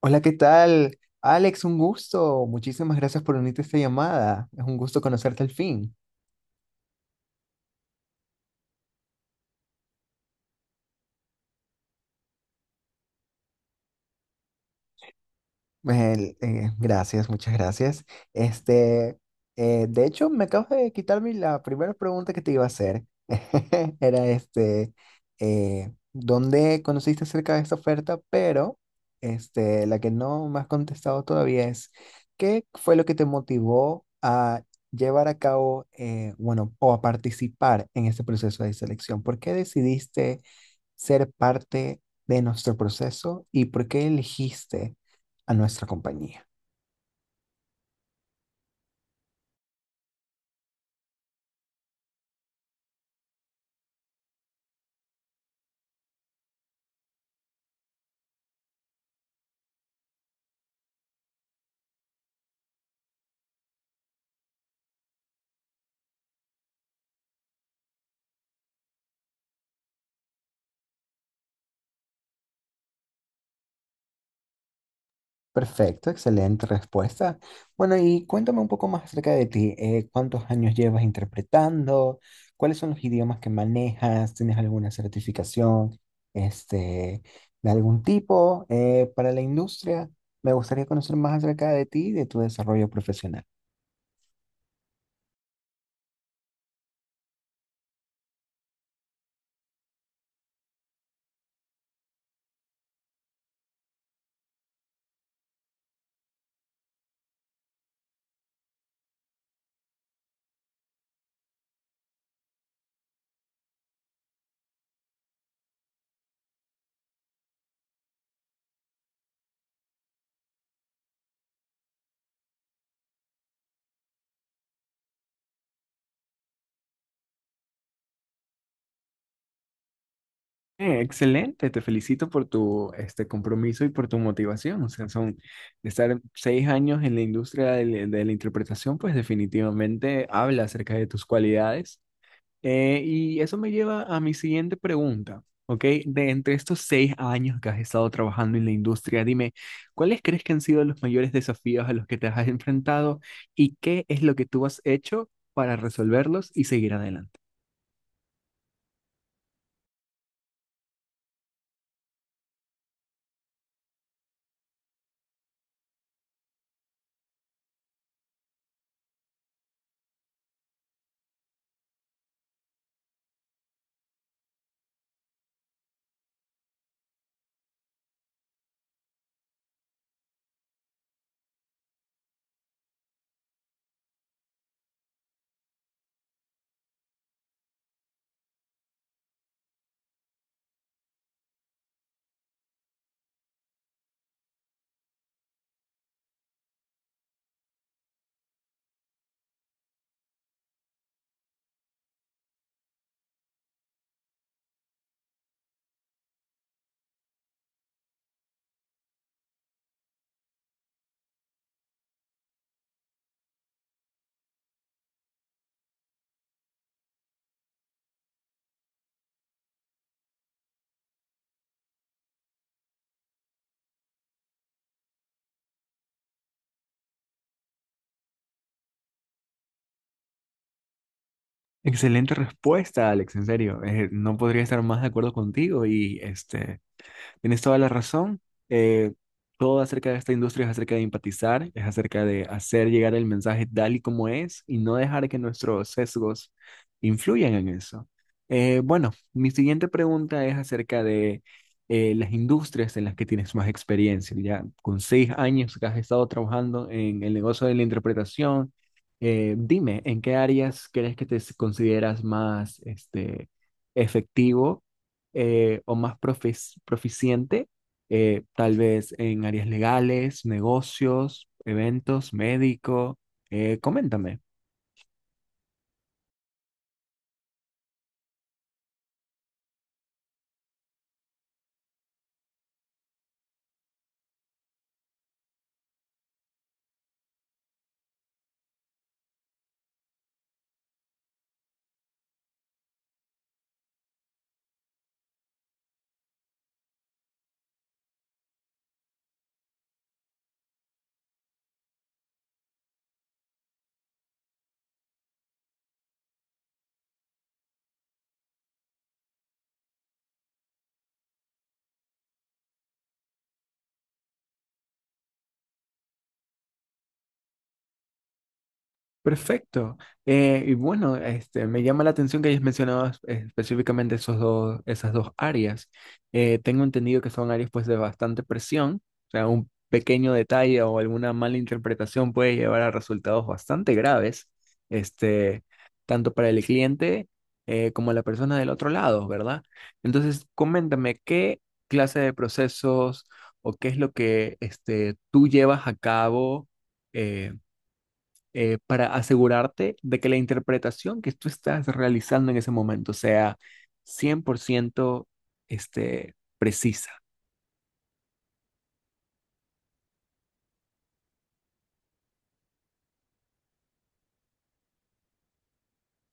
Hola, ¿qué tal? Alex, un gusto. Muchísimas gracias por unirte a esta llamada. Es un gusto conocerte al fin. Gracias, muchas gracias. Este, de hecho, me acabas de quitarme la primera pregunta que te iba a hacer. Era ¿dónde conociste acerca de esta oferta? Pero este, la que no me has contestado todavía es, ¿qué fue lo que te motivó a llevar a cabo, bueno, o a participar en este proceso de selección? ¿Por qué decidiste ser parte de nuestro proceso y por qué elegiste a nuestra compañía? Perfecto, excelente respuesta. Bueno, y cuéntame un poco más acerca de ti. ¿Cuántos años llevas interpretando? ¿Cuáles son los idiomas que manejas? ¿Tienes alguna certificación, este, de algún tipo, para la industria? Me gustaría conocer más acerca de ti y de tu desarrollo profesional. Excelente, te felicito por tu este compromiso y por tu motivación. O sea, son de estar 6 años en la industria de la interpretación, pues definitivamente habla acerca de tus cualidades. Y eso me lleva a mi siguiente pregunta, ¿ok? De entre estos 6 años que has estado trabajando en la industria, dime, ¿cuáles crees que han sido los mayores desafíos a los que te has enfrentado y qué es lo que tú has hecho para resolverlos y seguir adelante? Excelente respuesta, Alex, en serio. No podría estar más de acuerdo contigo y este, tienes toda la razón. Eh, Todo acerca de esta industria es acerca de empatizar, es acerca de hacer llegar el mensaje tal y como es y no dejar que nuestros sesgos influyan en eso. Bueno, mi siguiente pregunta es acerca de las industrias en las que tienes más experiencia. Ya con 6 años que has estado trabajando en el negocio de la interpretación, dime, ¿en qué áreas crees que te consideras más este, efectivo? ¿O más proficiente, tal vez en áreas legales, negocios, eventos, médico? Coméntame. Perfecto. Y bueno, este, me llama la atención que hayas mencionado específicamente esos dos, esas dos áreas. Tengo entendido que son áreas pues de bastante presión, o sea, un pequeño detalle o alguna mala interpretación puede llevar a resultados bastante graves, este, tanto para el cliente como la persona del otro lado, ¿verdad? Entonces, coméntame qué clase de procesos o qué es lo que este, tú llevas a cabo. eh, para asegurarte de que la interpretación que tú estás realizando en ese momento sea 100%, este, precisa.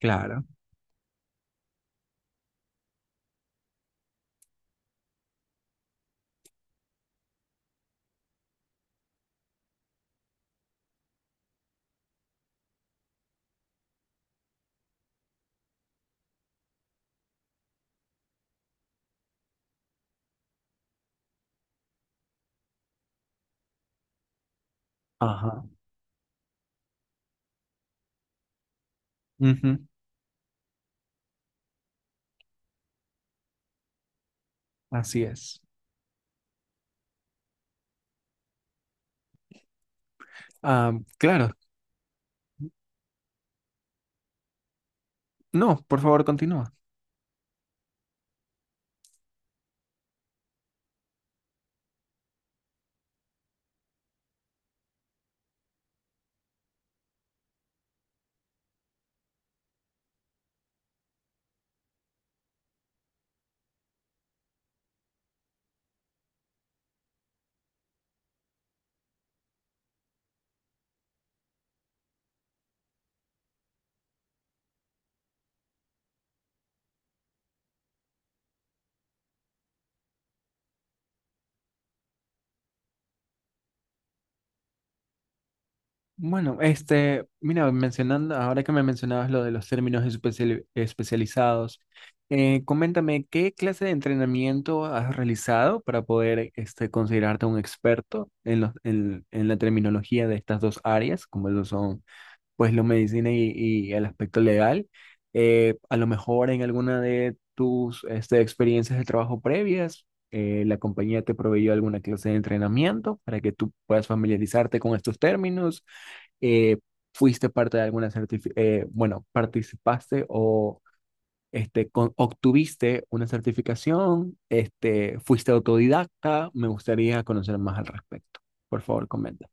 Claro. Ajá. Ujú. Así es. Ah, claro. No, por favor, continúa. Bueno, este, mira, mencionando, ahora que me mencionabas lo de los términos especializados, coméntame qué clase de entrenamiento has realizado para poder este, considerarte un experto en, los, en la terminología de estas dos áreas, como lo son pues la medicina y el aspecto legal. A lo mejor en alguna de tus este, experiencias de trabajo previas, la compañía te proveyó alguna clase de entrenamiento para que tú puedas familiarizarte con estos términos, eh, fuiste parte de alguna certificación, bueno, participaste o este, obtuviste una certificación, este, fuiste autodidacta, me gustaría conocer más al respecto. Por favor, coméntame.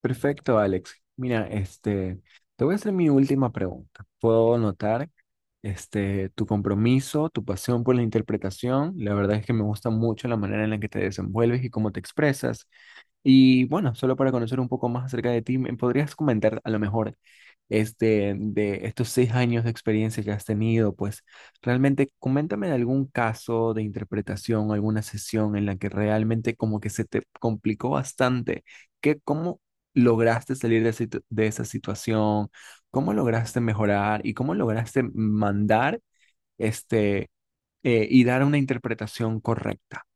Perfecto, Alex. Mira, este, te voy a hacer mi última pregunta. Puedo notar este, tu compromiso, tu pasión por la interpretación. La verdad es que me gusta mucho la manera en la que te desenvuelves y cómo te expresas. Y bueno, solo para conocer un poco más acerca de ti, ¿me podrías comentar a lo mejor este, de estos 6 años de experiencia que has tenido? Pues realmente coméntame de algún caso de interpretación, alguna sesión en la que realmente como que se te complicó bastante. ¿Qué, cómo lograste salir de, de esa situación? ¿Cómo lograste mejorar? ¿Y cómo lograste mandar este, y dar una interpretación correcta?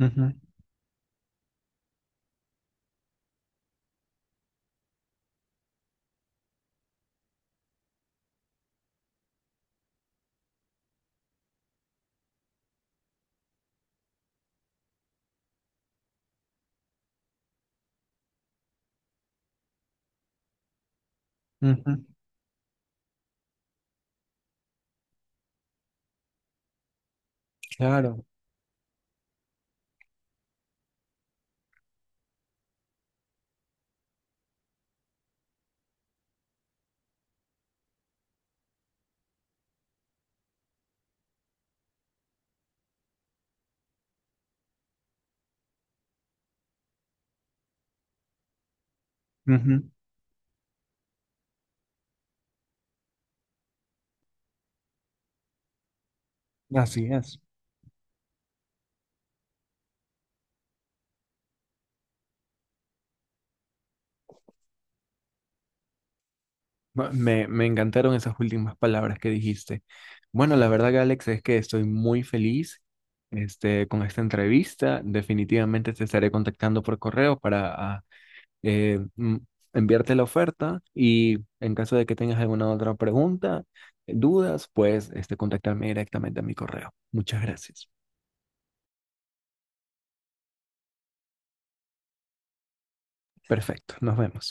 Ujú, ujú, claro. Así es. Me encantaron esas últimas palabras que dijiste. Bueno, la verdad, Alex, es que estoy muy feliz este, con esta entrevista. Definitivamente te estaré contactando por correo para eh, mm, enviarte la oferta y en caso de que tengas alguna otra pregunta, dudas, pues este, contactarme directamente a mi correo. Muchas gracias. Perfecto, nos vemos.